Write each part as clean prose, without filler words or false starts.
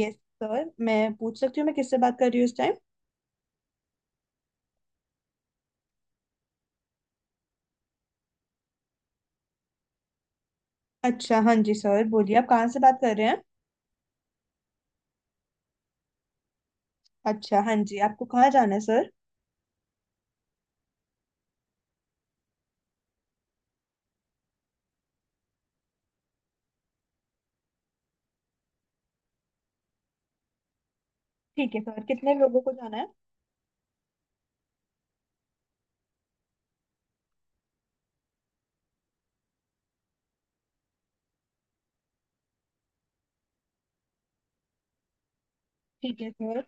Yes. Sir मैं पूछ सकती हूँ मैं किससे बात कर रही हूँ इस टाइम। अच्छा हाँ जी सर बोलिए, आप कहाँ से बात कर रहे हैं। अच्छा हाँ जी, आपको कहाँ जाना है सर। ठीक है सर, कितने लोगों को जाना है। ठीक है सर।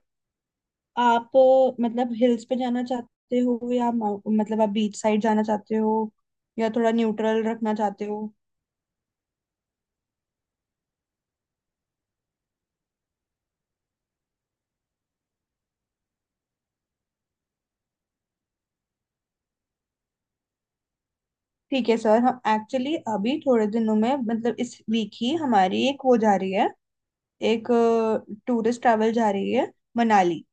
आप मतलब हिल्स पे जाना चाहते हो या मतलब आप बीच साइड जाना चाहते हो या थोड़ा न्यूट्रल रखना चाहते हो। ठीक है सर, हम एक्चुअली अभी थोड़े दिनों में मतलब इस वीक ही हमारी एक वो जा रही है, एक टूरिस्ट ट्रैवल जा रही है मनाली।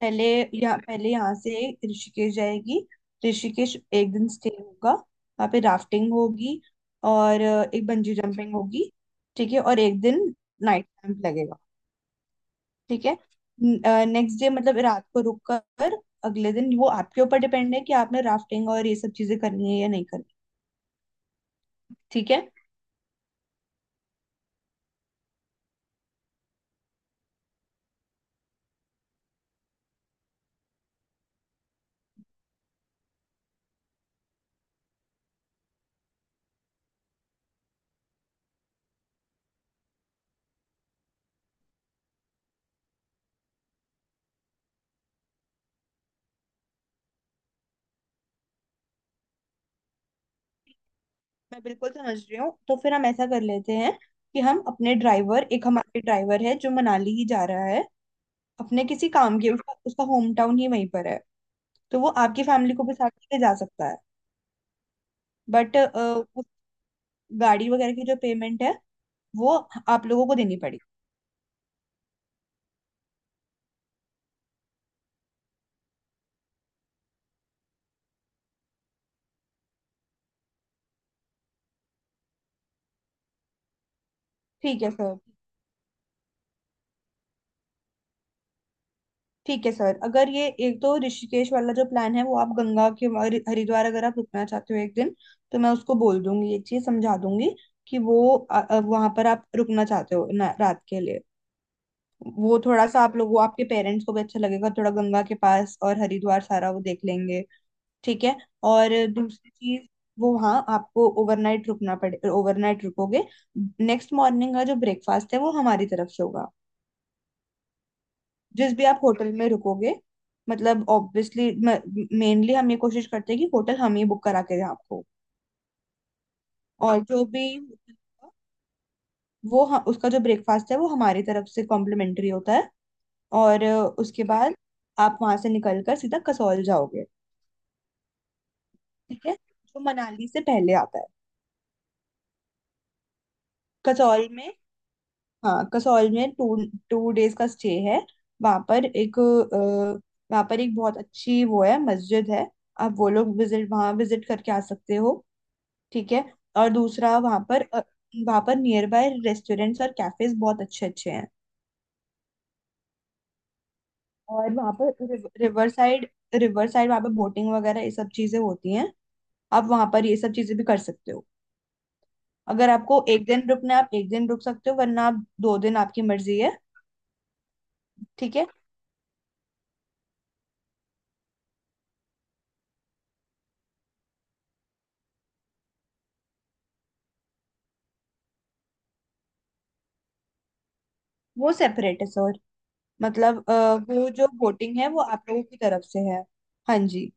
पहले पहले यहाँ से ऋषिकेश जाएगी। ऋषिकेश एक दिन स्टे होगा, वहाँ पे राफ्टिंग होगी और एक बंजी जंपिंग होगी। ठीक है, और एक दिन नाइट कैंप लगेगा। ठीक है। नेक्स्ट डे मतलब रात को रुक कर अगले दिन वो आपके ऊपर डिपेंड है कि आपने राफ्टिंग और ये सब चीजें करनी है या नहीं करनी। ठीक है, मैं बिल्कुल समझ रही हूँ। तो फिर हम ऐसा कर लेते हैं कि हम अपने ड्राइवर, एक हमारे ड्राइवर है जो मनाली ही जा रहा है अपने किसी काम के, उसका होम टाउन ही वहीं पर है, तो वो आपकी फैमिली को भी साथ लेके जा सकता है। बट उस गाड़ी वगैरह की जो पेमेंट है वो आप लोगों को देनी पड़ेगी। ठीक है सर। ठीक है सर, अगर ये एक तो ऋषिकेश वाला जो प्लान है वो आप गंगा के हरिद्वार अगर आप रुकना चाहते हो एक दिन, तो मैं उसको बोल दूंगी, ये चीज समझा दूंगी कि वो वहां पर आप रुकना चाहते हो रात के लिए। वो थोड़ा सा आप लोग वो आपके पेरेंट्स को भी अच्छा लगेगा थोड़ा, गंगा के पास, और हरिद्वार सारा वो देख लेंगे। ठीक है। और हाँ दूसरी चीज, वो वहाँ आपको ओवरनाइट रुकना पड़े, ओवरनाइट रुकोगे, नेक्स्ट मॉर्निंग का जो ब्रेकफास्ट है वो हमारी तरफ से होगा। जिस भी आप होटल में रुकोगे, मतलब ऑब्वियसली मेनली हम ये कोशिश करते हैं कि होटल हम ही बुक करा के दें आपको। और जो भी होटल होगा, उसका जो ब्रेकफास्ट है वो हमारी तरफ से कॉम्प्लीमेंट्री होता है। और उसके बाद आप वहां से निकल कर सीधा कसौल जाओगे। ठीक है, जो मनाली से पहले आता है। कसौल में, हाँ कसौल में टू टू डेज का स्टे है। वहां पर एक अ, वहाँ पर एक बहुत अच्छी वो है, मस्जिद है। आप वो लोग विजिट वहाँ विजिट करके आ सकते हो। ठीक है। और दूसरा वहाँ पर नियर बाय रेस्टोरेंट्स और कैफेज बहुत अच्छे अच्छे हैं। और वहाँ पर रिवर साइड वहाँ पर बोटिंग वगैरह ये सब चीजें होती हैं। आप वहाँ पर ये सब चीजें भी कर सकते हो। अगर आपको एक दिन रुकना है आप एक दिन रुक सकते हो, वरना आप दो दिन, आपकी मर्जी है। ठीक है। वो सेपरेट है। सो मतलब वो जो वोटिंग है वो आप लोगों की तरफ से है। हाँ जी।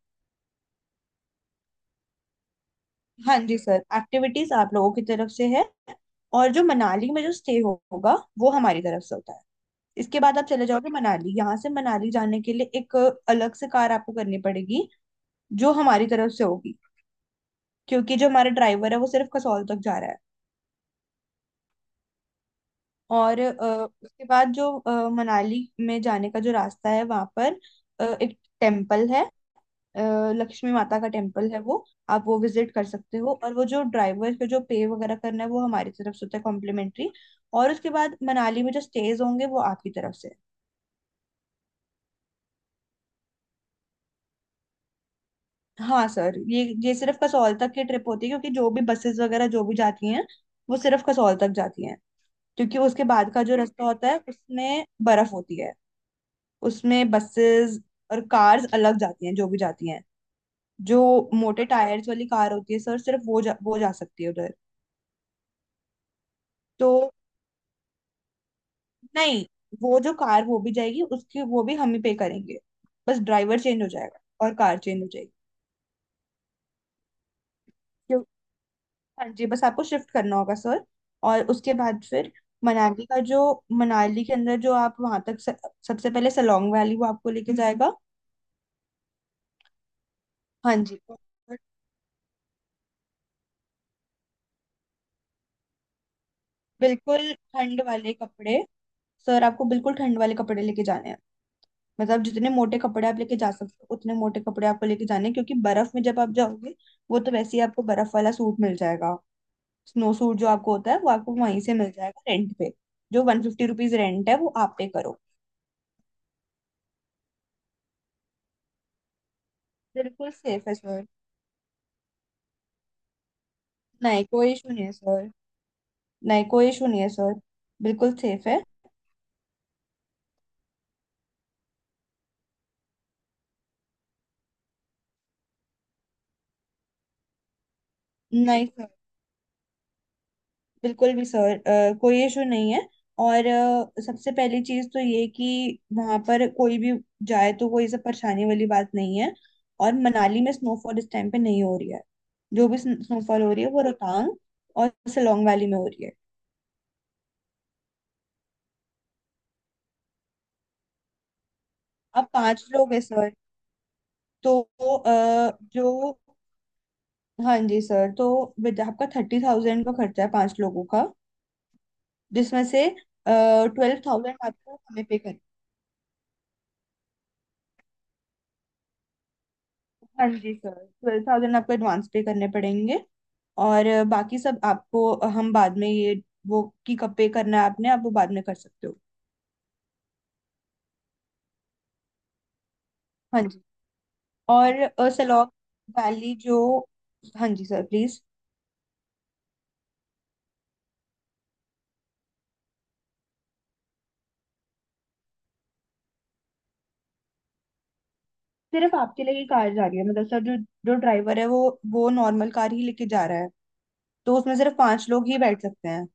हाँ जी सर, एक्टिविटीज आप लोगों की तरफ से है। और जो मनाली में जो स्टे होगा वो हमारी तरफ से होता है। इसके बाद आप चले जाओगे मनाली। यहाँ से मनाली जाने के लिए एक अलग से कार आपको करनी पड़ेगी, जो हमारी तरफ से होगी, क्योंकि जो हमारा ड्राइवर है वो सिर्फ कसौल तक जा रहा है। और उसके बाद जो मनाली में जाने का जो रास्ता है वहां पर एक टेम्पल है, अ, लक्ष्मी माता का टेम्पल है वो, आप वो विजिट कर सकते हो। और वो जो ड्राइवर का जो पे वगैरह करना है वो हमारी तरफ से होता है, कॉम्प्लीमेंट्री। और उसके बाद मनाली में जो स्टेज होंगे वो आपकी तरफ से। हाँ सर, ये सिर्फ कसौल तक की ट्रिप होती है क्योंकि जो भी बसेस वगैरह जो भी जाती हैं वो सिर्फ कसौल तक जाती हैं, क्योंकि उसके बाद का जो रास्ता होता है उसमें बर्फ होती है। उसमें बसेस और कार्स अलग जाती हैं, जो भी जाती हैं, जो मोटे टायर्स वाली कार होती है सर सिर्फ वो वो जा सकती है उधर। तो नहीं, वो जो कार वो भी जाएगी उसकी वो भी हम ही पे करेंगे, बस ड्राइवर चेंज हो जाएगा और कार चेंज हो जाएगी। क्यों हाँ जी, बस आपको शिफ्ट करना होगा सर। और उसके बाद फिर मनाली का जो, मनाली के अंदर जो आप वहां तक सबसे पहले सलोंग वैली वो आपको लेके जाएगा। हाँ जी, और बिल्कुल ठंड वाले कपड़े सर, आपको बिल्कुल ठंड वाले कपड़े लेके जाने हैं। मतलब जितने मोटे कपड़े आप लेके जा सकते हो उतने मोटे कपड़े आपको लेके जाने हैं क्योंकि बर्फ में जब आप जाओगे, वो तो वैसे ही आपको बर्फ वाला सूट मिल जाएगा। स्नो सूट जो आपको होता है वो आपको वहीं से मिल जाएगा रेंट पे। जो 150 रुपीज रेंट है वो आप पे करो। बिल्कुल सेफ है सर। नहीं, कोई इशू नहीं है सर। नहीं, कोई इशू नहीं है सर। बिल्कुल सेफ है। नहीं सर, बिल्कुल भी सर, कोई इशू नहीं है। और सबसे पहली चीज तो ये कि वहां पर कोई भी जाए तो कोई सब परेशानी वाली बात नहीं है। और मनाली में स्नोफॉल इस टाइम पे नहीं हो रही है, जो भी स्नोफॉल हो रही है वो रोहतांग और सोलोंग वैली में हो रही है। आप 5 लोग हैं सर। तो अ, जो हाँ जी सर, तो विद आपका 30,000 का खर्चा है 5 लोगों का, जिसमें से 12,000 आपको हमें पे कर। हाँ जी सर, 12,000 आपको एडवांस पे करने पड़ेंगे। और बाकी सब आपको हम बाद में ये वो कि कब पे करना है आपने, आप वो बाद में कर सकते हो। हाँ जी। और सलौक वैली जो, हाँ जी सर, प्लीज। सिर्फ आपके लिए ही कार जा रही है मतलब सर, जो जो ड्राइवर है वो नॉर्मल कार ही लेके जा रहा है, तो उसमें सिर्फ 5 लोग ही बैठ सकते हैं।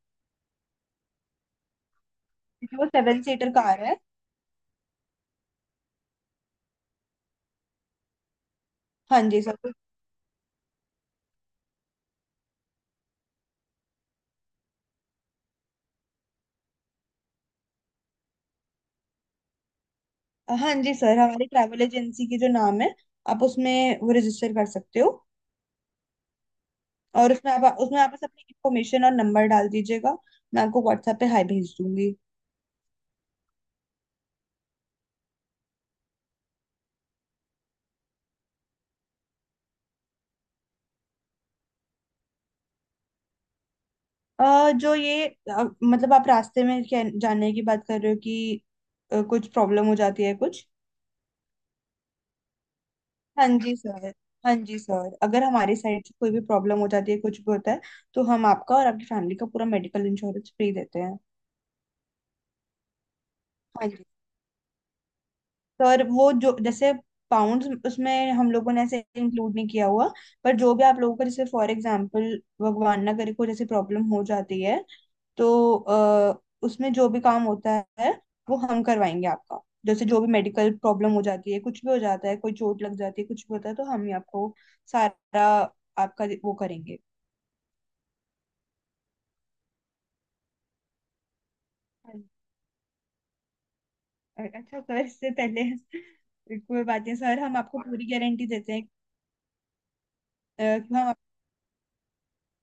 जो 7 सीटर कार है। हाँ जी सर। हाँ जी सर, हमारी ट्रैवल एजेंसी की जो नाम है, आप उसमें वो रजिस्टर कर सकते हो। और उसमें आप बस अपनी इन्फॉर्मेशन और नंबर डाल दीजिएगा। मैं आपको WhatsApp पे हाई भेज दूंगी। जो ये मतलब आप रास्ते में क्या जानने की बात कर रहे हो कि कुछ प्रॉब्लम हो जाती है कुछ। हाँ जी सर। हाँ जी सर, अगर हमारी साइड से कोई भी प्रॉब्लम हो जाती है, कुछ भी होता है, तो हम आपका और आपकी फैमिली का पूरा मेडिकल इंश्योरेंस फ्री देते हैं। हाँ जी, और वो जो जैसे पाउंड्स उसमें हम लोगों ने ऐसे इंक्लूड नहीं किया हुआ, पर जो भी आप लोगों का जैसे फॉर एग्जांपल, भगवान ना करे कोई जैसे प्रॉब्लम हो जाती है, तो उसमें जो भी काम होता है वो हम करवाएंगे आपका। जैसे जो भी मेडिकल प्रॉब्लम हो जाती है, कुछ भी हो जाता है, कोई चोट लग जाती है, कुछ भी होता है, तो हम ही आपको सारा आपका वो करेंगे। अच्छा सर, इससे पहले कोई बात नहीं सर, हम आपको पूरी गारंटी देते हैं कि हम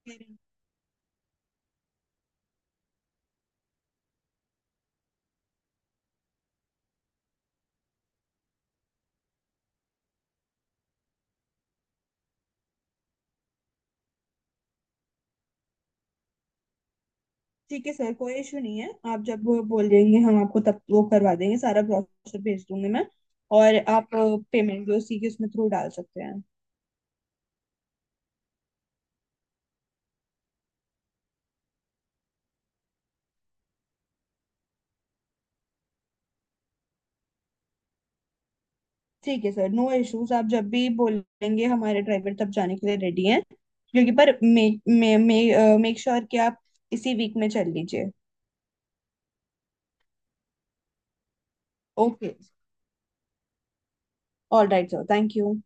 आपको। ठीक है सर, कोई इशू नहीं है, आप जब वो बोल देंगे हम आपको तब वो करवा देंगे, सारा ब्रोशर भेज दूंगी मैं। और आप पेमेंट भी उसी के उसमें थ्रू डाल सकते हैं। ठीक है सर, नो इश्यूज, आप जब भी बोलेंगे हमारे ड्राइवर तब जाने के लिए रेडी हैं, क्योंकि पर मेक मे, मे, मेक श्योर कि आप इसी वीक में चल लीजिए। Okay. All right sir, thank you.